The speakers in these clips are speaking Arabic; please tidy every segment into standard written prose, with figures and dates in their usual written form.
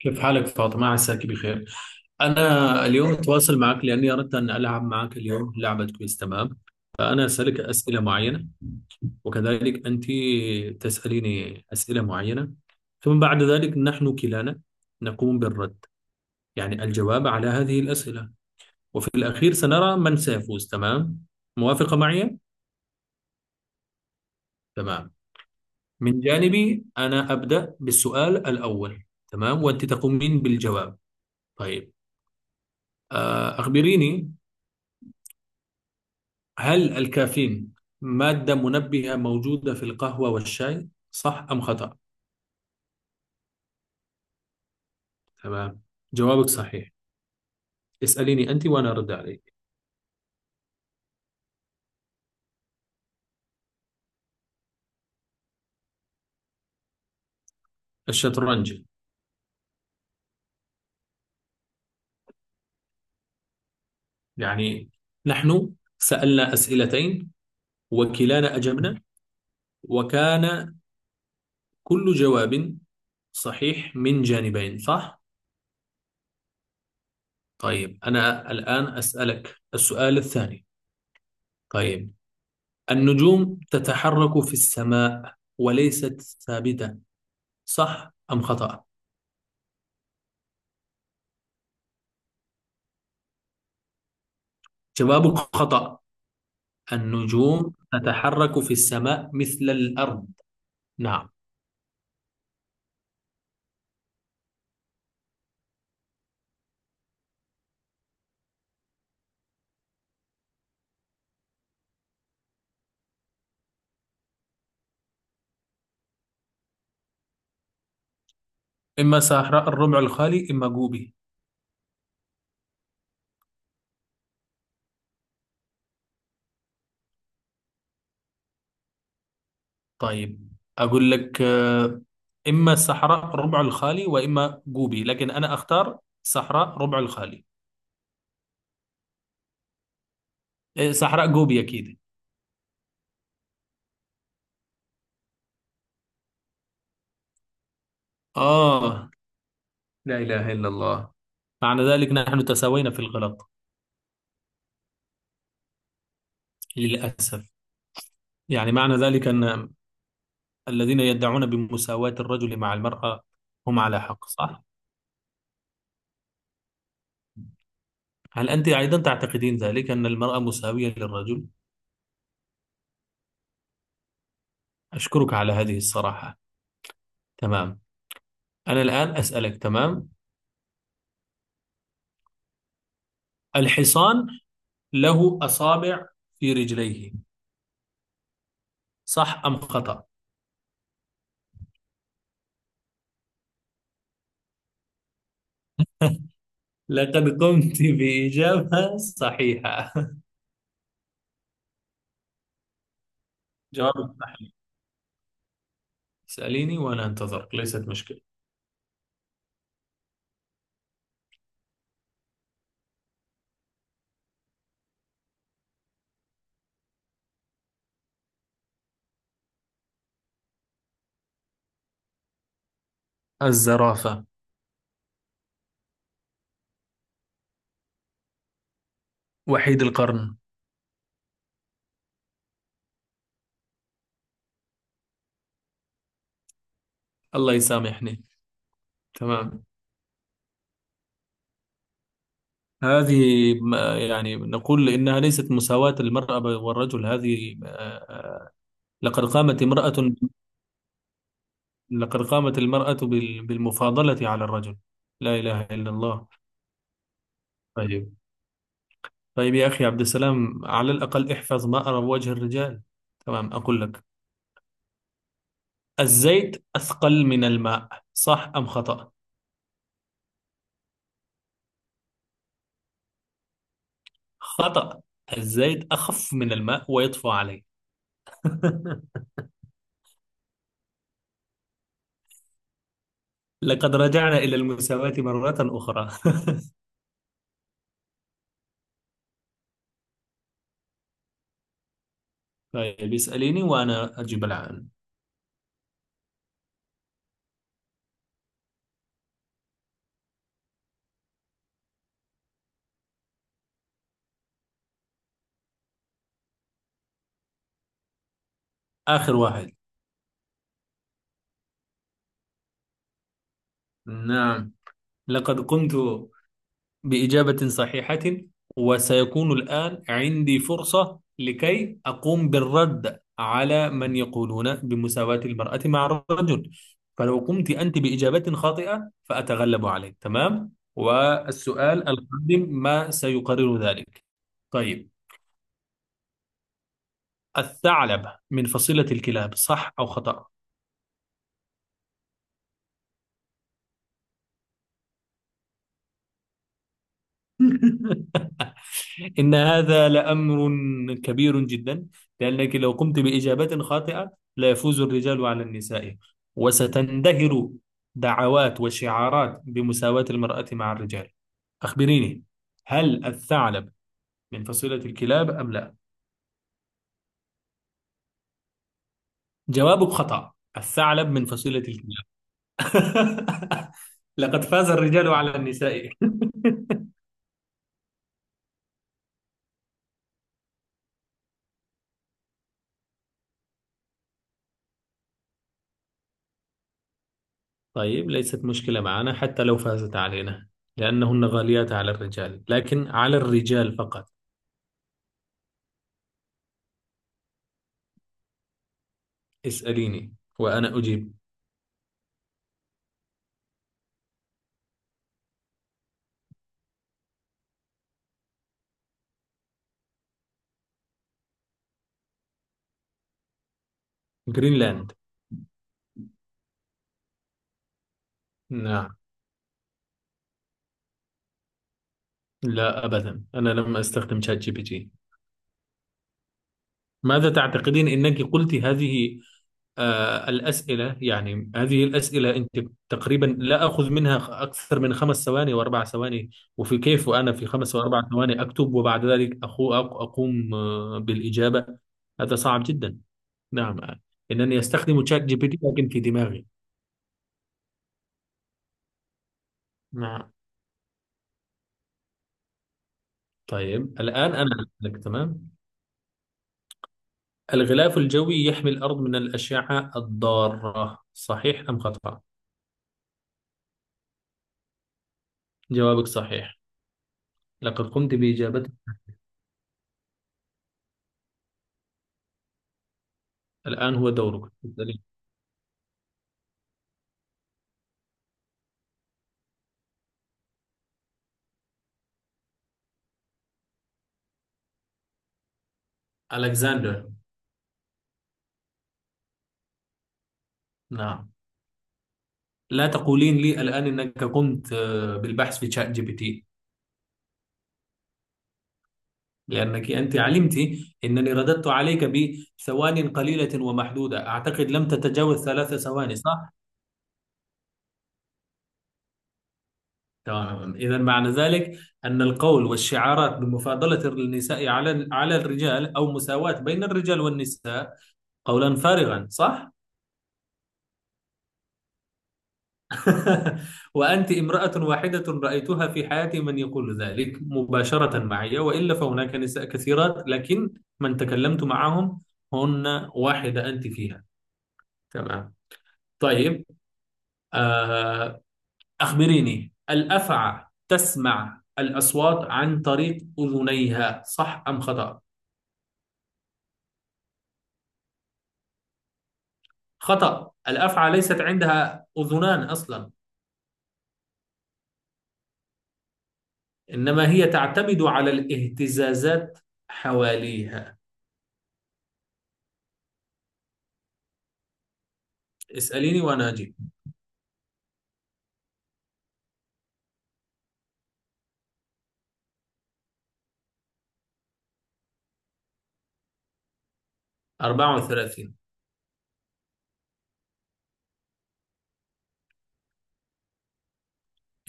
كيف حالك فاطمة؟ عساك بخير. أنا اليوم أتواصل معك لأني أردت أن ألعب معك اليوم لعبة. كويس؟ تمام. فأنا أسألك أسئلة معينة، وكذلك أنت تسأليني أسئلة معينة، ثم بعد ذلك نحن كلانا نقوم بالرد، يعني الجواب على هذه الأسئلة. وفي الأخير سنرى من سيفوز. تمام؟ موافقة معي؟ تمام. من جانبي أنا أبدأ بالسؤال الأول، تمام، وأنت تقومين بالجواب. طيب. أخبريني، هل الكافيين مادة منبهة موجودة في القهوة والشاي؟ صح أم خطأ؟ تمام، جوابك صحيح. اسأليني أنت وأنا أرد عليك. الشطرنج. يعني نحن سألنا أسئلتين وكلانا أجبنا، وكان كل جواب صحيح من جانبين، صح؟ طيب، أنا الآن أسألك السؤال الثاني. طيب، النجوم تتحرك في السماء وليست ثابتة، صح أم خطأ؟ جوابك خطأ. النجوم تتحرك في السماء مثل الأرض. نعم. إما صحراء الربع الخالي، إما جوبي. طيب، أقول لك، إما صحراء الربع الخالي وإما جوبي، لكن أنا أختار صحراء ربع الخالي. إيه، صحراء جوبي أكيد. آه، لا إله إلا الله. معنى ذلك نحن تساوينا في الغلط، للأسف. يعني معنى ذلك أن الذين يدعون بمساواة الرجل مع المرأة هم على حق، صح؟ هل أنت أيضا تعتقدين ذلك، أن المرأة مساوية للرجل؟ أشكرك على هذه الصراحة. تمام، أنا الآن أسألك. تمام، الحصان له أصابع في رجليه، صح أم خطأ؟ لقد قمت بإجابة صحيحة. جواب صحيح. اسأليني وأنا أنتظرك، ليست مشكلة. الزرافة. وحيد القرن. الله يسامحني. تمام. هذه، يعني نقول إنها ليست مساواة المرأة والرجل، هذه، آه، لقد قامت امرأة، لقد قامت المرأة بالمفاضلة على الرجل. لا إله إلا الله. طيب، طيب، يا أخي عبد السلام، على الأقل احفظ، ما أرى وجه الرجال. تمام، أقول لك، الزيت أثقل من الماء، صح أم خطأ؟ خطأ. الزيت أخف من الماء ويطفو عليه. لقد رجعنا إلى المساواة مرة أخرى. طيب، اسأليني وأنا أجيب الآن. آخر واحد. نعم، لقد قمت بإجابة صحيحة. وسيكون الآن عندي فرصة لكي أقوم بالرد على من يقولون بمساواة المرأة مع الرجل. فلو قمت أنت بإجابة خاطئة فأتغلب عليك، تمام، والسؤال القادم ما سيقرر ذلك. طيب، الثعلب من فصيلة الكلاب، صح أو خطأ؟ إن هذا لأمر كبير جدا، لأنك لو قمت بإجابة خاطئة لا يفوز الرجال على النساء، وستندهر دعوات وشعارات بمساواة المرأة مع الرجال. أخبريني، هل الثعلب من فصيلة الكلاب أم لا؟ جوابك خطأ. الثعلب من فصيلة الكلاب. لقد فاز الرجال على النساء. طيب، ليست مشكلة معنا حتى لو فازت علينا، لأنهن غاليات على الرجال، لكن على الرجال فقط. اسأليني وأنا أجيب. جرينلاند. نعم. لا، أبدا، أنا لم أستخدم شات جي بي تي. ماذا تعتقدين؟ أنك قلت هذه، الأسئلة، يعني هذه الأسئلة أنت تقريبا لا أخذ منها أكثر من خمس ثواني وأربع ثواني. وفي كيف وأنا في خمس وأربع ثواني أكتب، وبعد ذلك أقوم بالإجابة. هذا صعب جدا. نعم، إنني أستخدم شات جي بي تي لكن في دماغي. نعم. طيب، الآن أنا لك. تمام، الغلاف الجوي يحمي الأرض من الأشعة الضارة، صحيح أم خطأ؟ جوابك صحيح. لقد قمت بإجابته. الآن هو دورك. اسألي. ألكسندر. نعم. لا تقولين لي الآن أنك قمت بالبحث في شات جي بي تي. لأنك أنت علمت أنني رددت عليك بثوان قليلة ومحدودة، أعتقد لم تتجاوز ثلاث ثواني، صح؟ تمام، إذا معنى ذلك أن القول والشعارات بمفاضلة النساء على الرجال أو مساواة بين الرجال والنساء قولا فارغا، صح. وأنت امرأة واحدة رأيتها في حياتي من يقول ذلك مباشرة معي، وإلا فهناك نساء كثيرات، لكن من تكلمت معهم، هن واحدة أنت فيها. تمام. طيب. آه أخبريني، الأفعى تسمع الأصوات عن طريق أذنيها، صح أم خطأ؟ خطأ. الأفعى ليست عندها أذنان أصلا. إنما هي تعتمد على الاهتزازات حواليها. اسأليني وأنا أجيب. 34.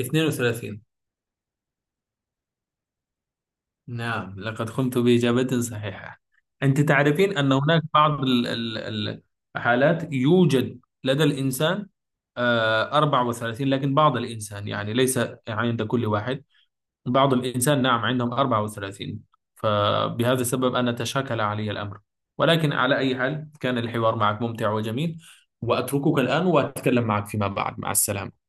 32. نعم، لقد قمت بإجابة صحيحة. أنت تعرفين أن هناك بعض ال- الحالات، يوجد لدى الإنسان 34، لكن بعض الإنسان يعني، ليس يعني عند كل واحد. بعض الإنسان نعم عندهم 34، فبهذا السبب أنا تشاكل علي الأمر. ولكن على أي حال، كان الحوار معك ممتع وجميل، وأتركك الآن وأتكلم معك فيما بعد. مع السلامة.